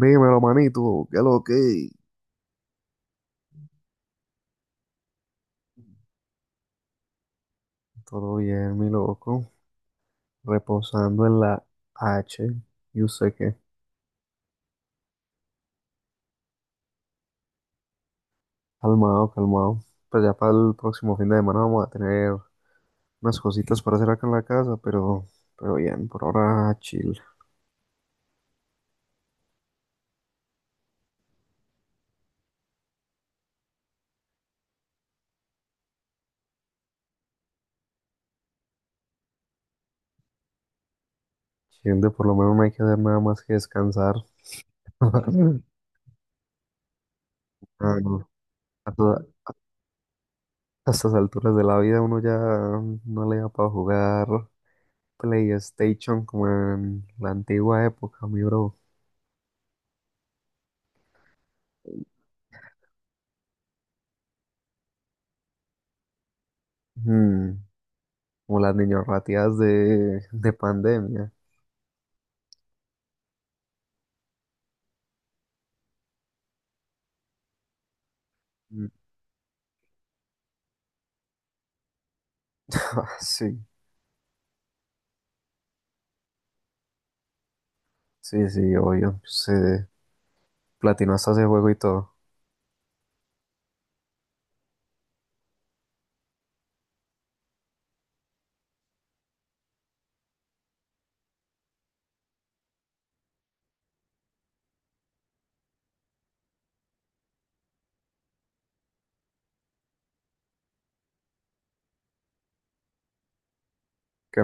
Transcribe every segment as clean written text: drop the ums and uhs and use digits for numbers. Dímelo, manito, qué lo que. Todo bien, mi loco. Reposando en la H. Yo sé que. Calmado, calmado. Pues ya para el próximo fin de semana vamos a tener unas cositas para hacer acá en la casa, pero bien, por ahora chill. Chill de por lo menos no hay que hacer nada más que descansar. Ah, no. A, toda- a estas alturas de la vida uno ya no le da para jugar PlayStation como en la antigua época, mi bro. Hmm. Como las niños rateadas de pandemia. Mm. Ah, sí, sí, sí, obvio. Se platinó hasta ese juego y todo. Que,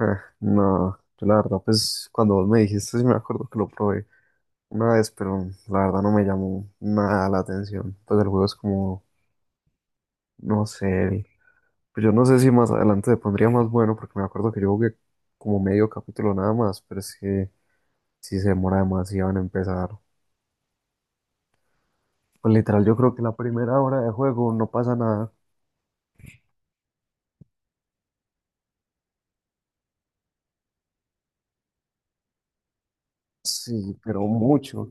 ah, no, yo la verdad, pues cuando vos me dijiste, sí me acuerdo que lo probé una vez, pero la verdad no me llamó nada la atención. Pues el juego es como, no sé, pues yo no sé si más adelante se pondría más bueno, porque me acuerdo que yo jugué como medio capítulo nada más, pero es que si se demora demasiado en empezar. Pues literal, yo creo que la primera hora de juego no pasa nada. Sí, pero mucho.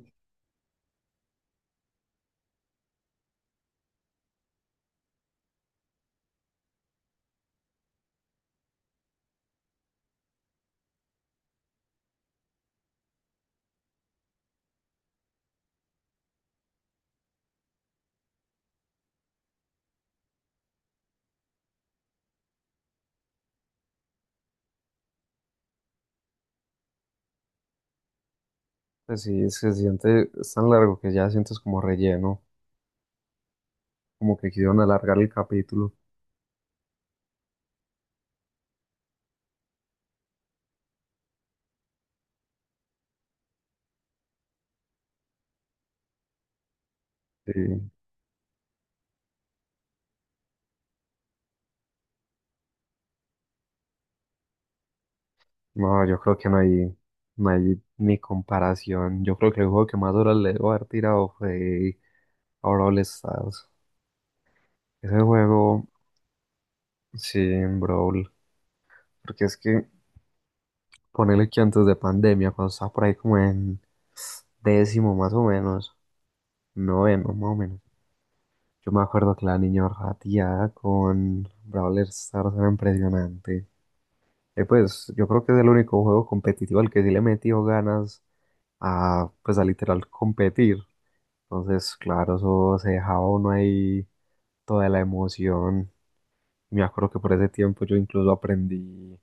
Pues sí, se siente, es tan largo que ya sientes como relleno, como que quisieron alargar el capítulo. Sí. No, yo creo que no hay ni comparación. Yo creo que el juego que más horas le debo haber tirado fue a Brawl Stars. Ese juego, sí, en Brawl. Porque es que ponerle que antes de pandemia, cuando estaba por ahí como en décimo más o menos, noveno más o menos. Yo me acuerdo que la niña rateada con Brawl Stars era impresionante. Pues yo creo que es el único juego competitivo al que sí le metió ganas a, pues a literal competir. Entonces, claro, eso se dejaba uno ahí toda la emoción. Me acuerdo que por ese tiempo yo incluso aprendí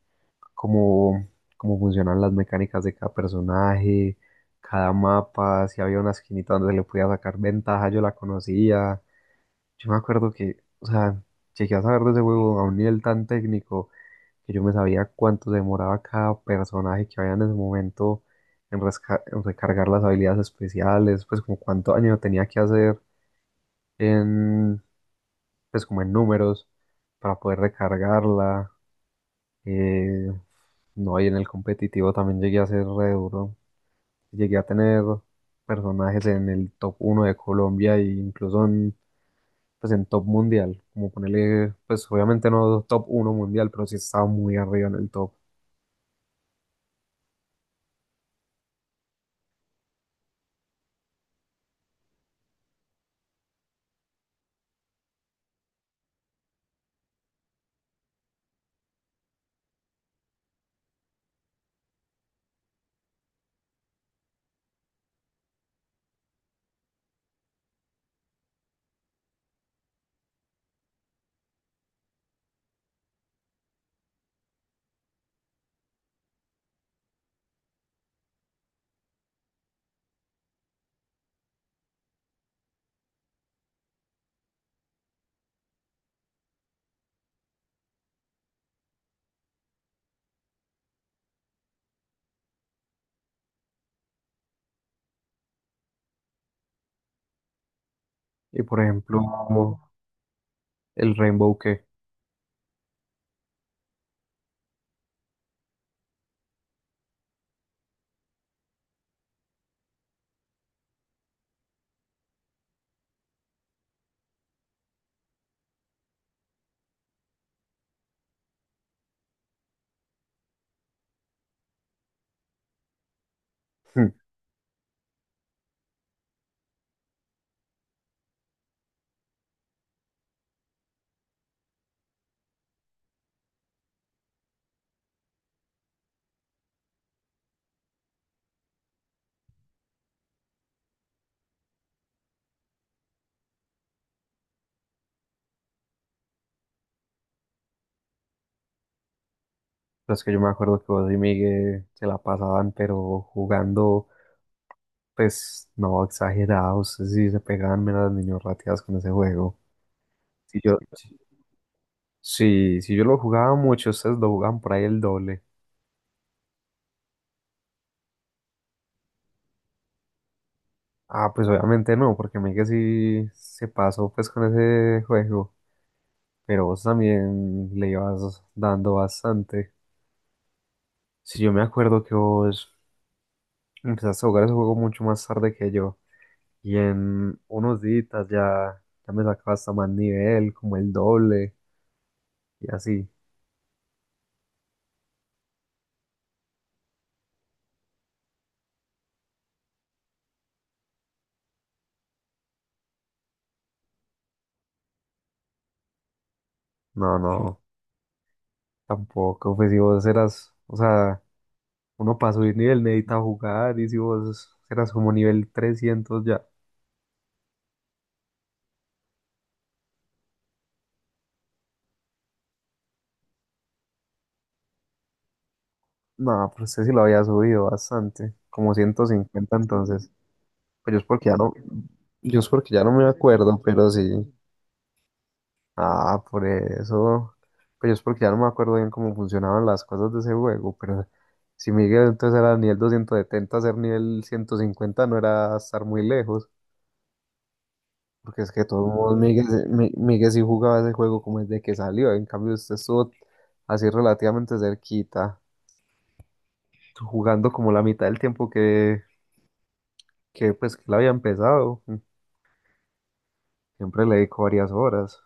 cómo, cómo funcionan las mecánicas de cada personaje, cada mapa, si había una esquinita donde se le podía sacar ventaja, yo la conocía. Yo me acuerdo que, o sea, llegué a saber de ese juego a un nivel tan técnico que yo me sabía cuánto se demoraba cada personaje que había en ese momento en recargar las habilidades especiales, pues como cuánto daño tenía que hacer en, pues como en números para poder recargarla. eh, no, y en el competitivo también llegué a ser re duro. Llegué a tener personajes en el top uno de Colombia e incluso pues en top mundial, como ponerle, pues obviamente no top uno mundial, pero sí estaba muy arriba en el top. Y por ejemplo, el Rainbow que, los que yo me acuerdo que vos y Miguel se la pasaban, pero jugando, pues no exagerados, sí se pegaban menos las niños rateadas con ese juego. Si yo, sí, si yo lo jugaba mucho, ustedes lo jugaban por ahí el doble. Ah, pues obviamente no, porque Miguel sí se pasó pues con ese juego. Pero vos también le ibas dando bastante. Si yo me acuerdo que vos empezaste a jugar ese juego mucho más tarde que yo. Y en unos días ya me sacabas hasta más nivel, como el doble y así. No, no, tampoco. Pues si vos eras, o sea, uno para subir nivel necesita jugar. Y si vos eras como nivel 300 ya. No, pero usted sí lo había subido bastante. Como 150 entonces. Pero yo es porque ya no, yo es porque ya no me acuerdo, pero sí. Ah, por eso. Pues yo es porque ya no me acuerdo bien cómo funcionaban las cosas de ese juego, pero si Miguel entonces era nivel 270, ser nivel 150 no era estar muy lejos, porque es que de todos modos Miguel sí jugaba ese juego como desde que salió, en cambio usted estuvo así relativamente cerquita, jugando como la mitad del tiempo que pues que él había empezado, siempre le dedicó varias horas.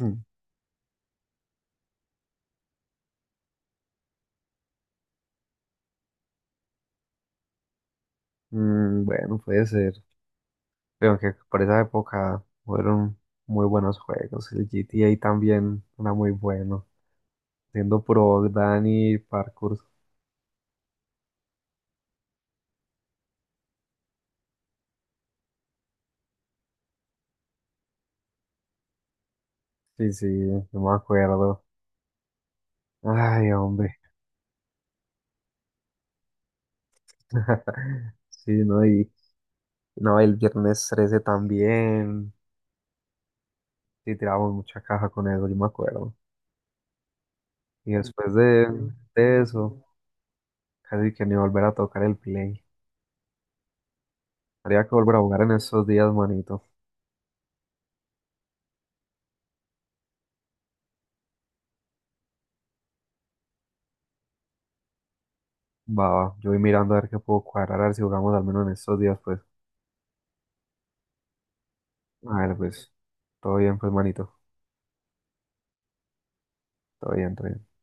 Mm, bueno, puede ser. Creo que por esa época fueron muy buenos juegos. El GTA también era muy bueno. Siendo pro y parkour. Sí, sí, no me acuerdo. Ay, hombre. Sí, no, y no, el viernes 13 también. Sí, tirábamos mucha caja con eso, yo me acuerdo. Y después de eso, casi que ni volver a tocar el play. Habría que volver a jugar en estos días, manito. Va, va, yo voy mirando a ver qué puedo cuadrar, a ver si jugamos al menos en estos días, pues. A ver, pues. Todo bien, pues, manito. Todo bien, todo bien.